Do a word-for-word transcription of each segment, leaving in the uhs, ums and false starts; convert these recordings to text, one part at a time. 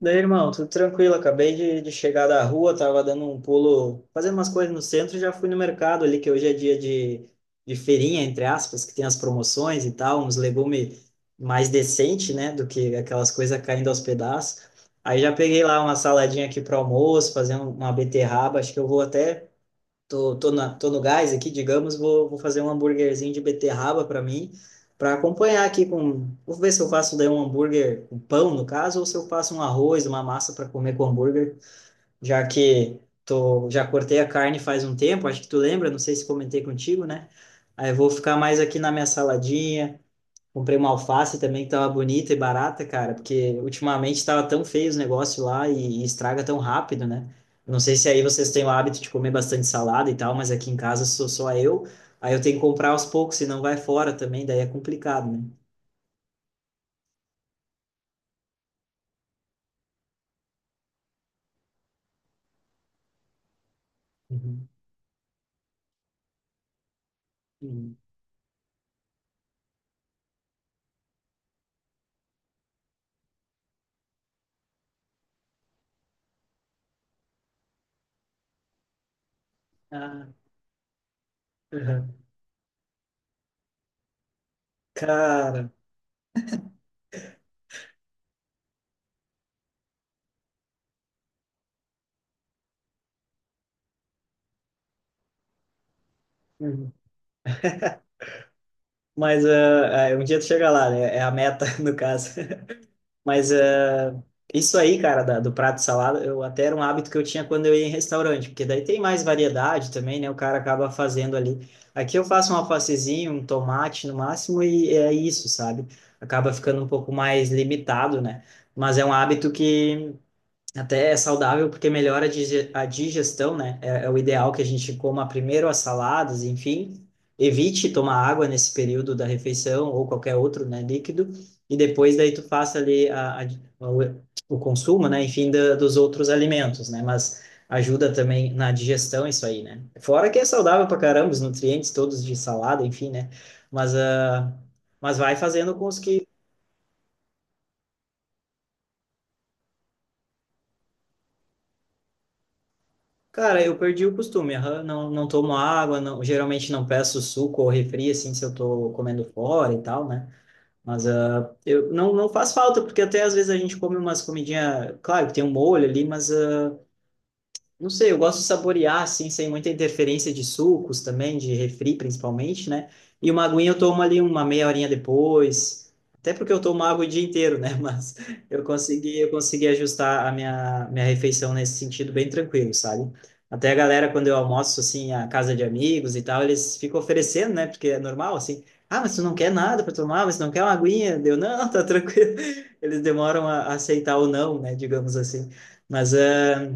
Daí, irmão, tudo tranquilo. Acabei de, de chegar da rua, tava dando um pulo, fazendo umas coisas no centro, e já fui no mercado ali, que hoje é dia de, de feirinha, entre aspas, que tem as promoções e tal, uns legumes mais decente, né, do que aquelas coisas caindo aos pedaços. Aí já peguei lá uma saladinha aqui para almoço, fazendo uma beterraba, acho que eu vou até... Tô, tô, na, tô no gás aqui, digamos, vou, vou fazer um hambúrguerzinho de beterraba para mim, para acompanhar aqui com. Vou ver se eu faço daí um hambúrguer com pão, no caso, ou se eu faço um arroz, uma massa para comer com hambúrguer, já que tô, já cortei a carne faz um tempo, acho que tu lembra, não sei se comentei contigo, né? Aí eu vou ficar mais aqui na minha saladinha. Comprei uma alface também que tava bonita e barata, cara, porque ultimamente tava tão feio os negócios lá e, e estraga tão rápido, né? Eu não sei se aí vocês têm o hábito de comer bastante salada e tal, mas aqui em casa sou só eu, aí eu tenho que comprar aos poucos, senão vai fora também, daí é complicado, né? Uhum. Uhum. Ah, uhum. Cara, uhum. Mas ah, ah, um dia tu chega lá, né? É a meta, no caso. Mas eh, isso aí, cara, da- do prato de salada, eu até era um hábito que eu tinha quando eu ia em restaurante, porque daí tem mais variedade também, né? O cara acaba fazendo ali. Aqui eu faço um alfacezinho, um tomate no máximo, e é isso, sabe? Acaba ficando um pouco mais limitado, né? Mas é um hábito que até é saudável porque melhora a dige- a digestão, né? É, é o ideal que a gente coma primeiro as saladas, enfim. Evite tomar água nesse período da refeição ou qualquer outro, né, líquido. E depois daí tu faça ali a, a- o, o consumo, né, enfim, da, dos outros alimentos, né? Mas ajuda também na digestão isso aí, né? Fora que é saudável pra caramba, os nutrientes todos de salada, enfim, né? Mas, ah, mas vai fazendo com os que... Cara, eu perdi o costume, aham. Não, não tomo água, não, geralmente não peço suco ou refri, assim, se eu tô comendo fora e tal, né? Mas ah, eu, não, não faz falta, porque até às vezes a gente come umas comidinhas, claro que tem um molho ali, mas ah, não sei, eu gosto de saborear, assim, sem muita interferência de sucos também, de refri principalmente, né? E uma aguinha eu tomo ali uma meia horinha depois, até porque eu tomo água o dia inteiro, né? Mas eu consegui, eu consegui ajustar a minha, minha refeição nesse sentido bem tranquilo, sabe? Até a galera, quando eu almoço, assim, a casa de amigos e tal, eles ficam oferecendo, né? Porque é normal, assim, ah, mas tu não quer nada para tomar, mas tu não quer uma aguinha? Deu, não, tá tranquilo. Eles demoram a aceitar ou não, né? Digamos assim. Mas... ah,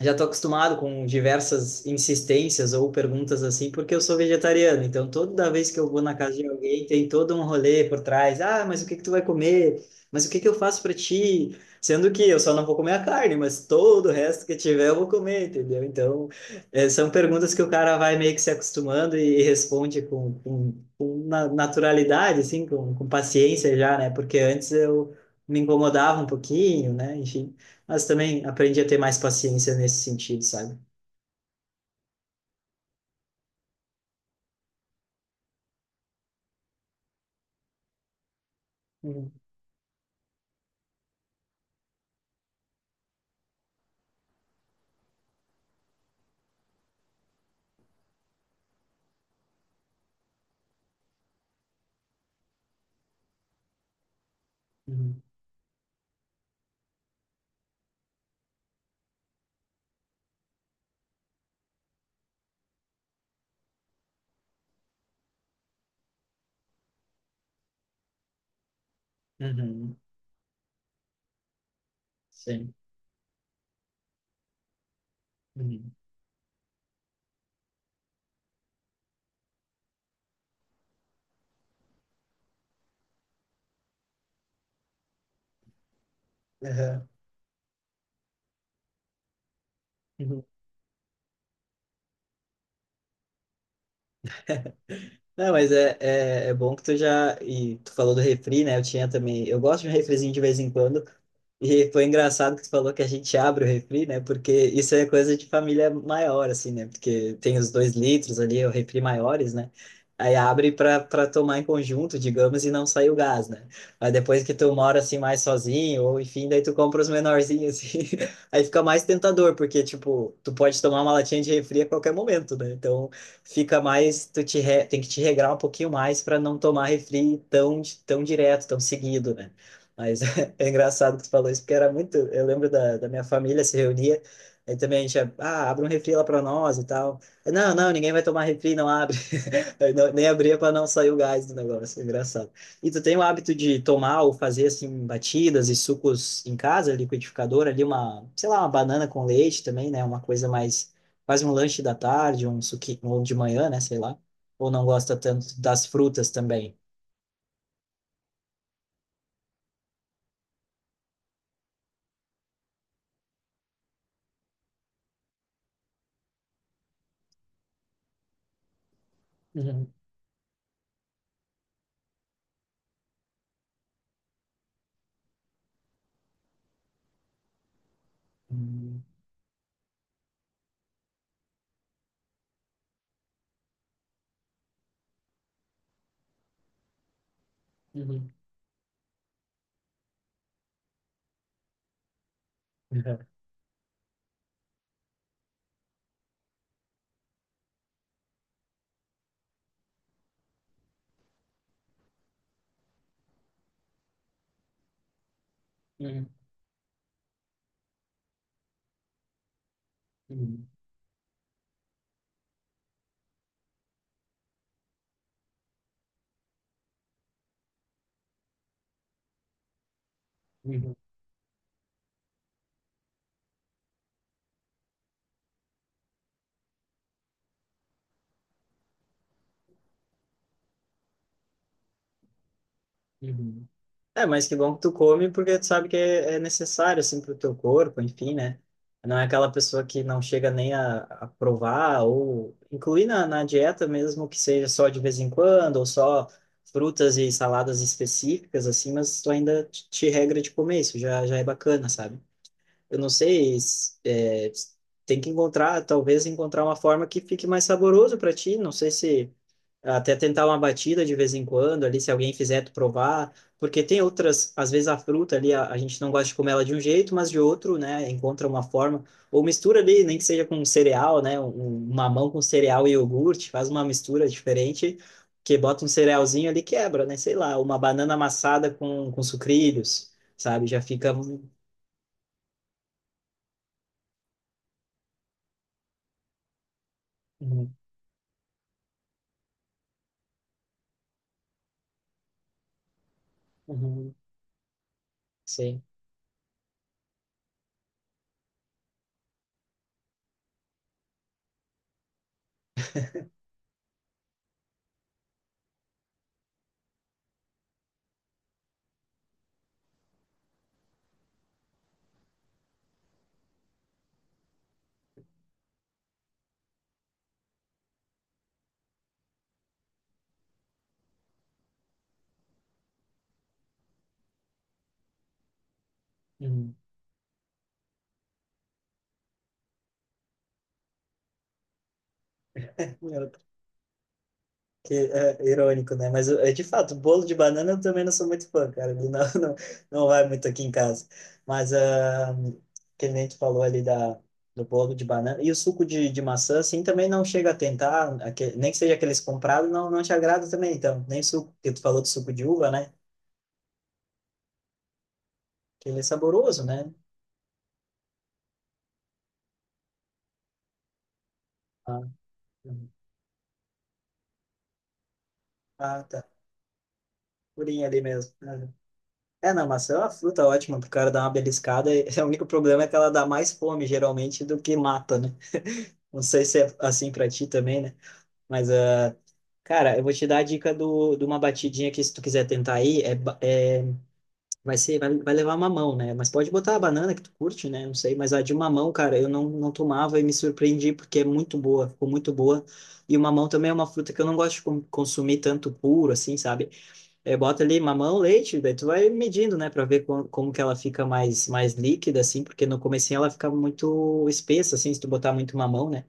já estou acostumado com diversas insistências ou perguntas assim, porque eu sou vegetariano. Então, toda vez que eu vou na casa de alguém, tem todo um rolê por trás. Ah, mas o que que tu vai comer? Mas o que que eu faço para ti? Sendo que eu só não vou comer a carne, mas todo o resto que tiver eu vou comer, entendeu? Então, eh, são perguntas que o cara vai meio que se acostumando e, e responde com, com, com na- naturalidade, assim, com, com paciência já, né? Porque antes eu me incomodava um pouquinho, né? Enfim. Mas também aprendi a ter mais paciência nesse sentido, sabe? Uhum. Uhum. Uhum. Sim. Uhum. Aham. Uhum. Não, mas é, é, é bom que tu já... E tu falou do refri, né? Eu tinha também. Eu gosto de um refrizinho de vez em quando. E foi engraçado que tu falou que a gente abre o refri, né? Porque isso é coisa de família maior, assim, né? Porque tem os dois litros ali, é o refri maiores, né? Aí abre para para tomar em conjunto, digamos, e não sai o gás, né? Mas depois que tu mora assim mais sozinho, ou enfim, daí tu compra os menorzinhos, assim. Aí fica mais tentador, porque, tipo, tu pode tomar uma latinha de refri a qualquer momento, né? Então fica mais, tu te re- tem que te regrar um pouquinho mais para não tomar refri tão, di- tão direto, tão seguido, né? Mas é engraçado que tu falou isso, porque era muito. Eu lembro da, da minha família se reunia, aí também a gente, ah, abre um refri lá para nós e tal. Não, não, ninguém vai tomar refri, não abre. Eu não- nem abria para não sair o gás do negócio, engraçado. E tu tem o hábito de tomar ou fazer assim batidas e sucos em casa, liquidificador ali uma, sei lá, uma banana com leite também, né? Uma coisa mais quase um lanche da tarde, um suquinho ou de manhã, né, sei lá. Ou não gosta tanto das frutas também. Uhum, uhum, uhum, uhum, uhum, uhum, uhum. Uhum. É, mas que bom que tu come, porque tu sabe que é é necessário, assim, pro teu corpo, enfim, né? Não é aquela pessoa que não chega nem a, a provar ou incluir na, na dieta mesmo que seja só de vez em quando ou só frutas e saladas específicas, assim, mas tu ainda te te regra de comer isso, já, já é bacana, sabe? Eu não sei, se- é, tem que encontrar, talvez encontrar uma forma que fique mais saboroso para ti. Não sei se até tentar uma batida de vez em quando ali, se alguém fizer tu provar, porque tem outras, às vezes a fruta ali, a, a gente não gosta de comer ela de um jeito, mas de outro, né? Encontra uma forma, ou mistura ali, nem que seja com cereal, né? Um, um mamão com cereal e iogurte, faz uma mistura diferente. Que bota um cerealzinho ali, e quebra, né? Sei lá, uma banana amassada com, com sucrilhos, sabe? Já fica um... Uhum, uhum. Sim. Uhum. Eu... Que é irônico, né? Mas é de fato, bolo de banana eu também não sou muito fã, cara. Ele não, não, não vai muito aqui em casa. Mas ah, que nem tu falou ali da, do bolo de banana. E o suco de, de maçã, assim, também não chega a tentar, aque- nem que seja aqueles comprados, não, não te agrada também, então. Nem suco, porque tu falou do suco de uva, né? Que ele é saboroso, né? Ah, uhum. Ah, tá. Purinho ali mesmo. É, não, maçã é uma fruta ótima pro cara dar uma beliscada e o único problema é que ela dá mais fome, geralmente, do que mata, né? Não sei se é assim pra ti também, né? Mas, ah, cara, eu vou te dar a dica do, de uma batidinha que, se tu quiser tentar aí, é, ba- é, vai ser, vai, vai levar mamão, né? Mas pode botar a banana que tu curte, né? Não sei, mas a de mamão, cara, eu não, não tomava e me surpreendi porque é muito boa, ficou muito boa. E o mamão também é uma fruta que eu não gosto de con- consumir tanto puro, assim, sabe? É, bota ali mamão, leite, daí tu vai medindo, né, para ver com, como que ela fica mais, mais, líquida, assim, porque no comecinho ela fica muito espessa, assim, se tu botar muito mamão, né?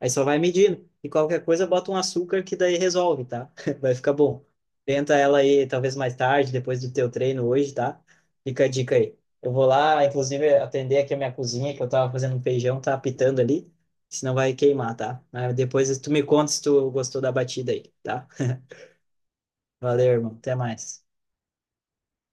Aí só vai medindo. E qualquer coisa, bota um açúcar que daí resolve, tá? Vai ficar bom. Tenta ela aí, talvez mais tarde, depois do teu treino hoje, tá? Fica a dica aí. Eu vou lá, inclusive, atender aqui a minha cozinha, que eu tava fazendo um feijão, tá apitando ali, senão vai queimar, tá? Mas depois tu me conta se tu gostou da batida aí, tá? Valeu, irmão. Até mais.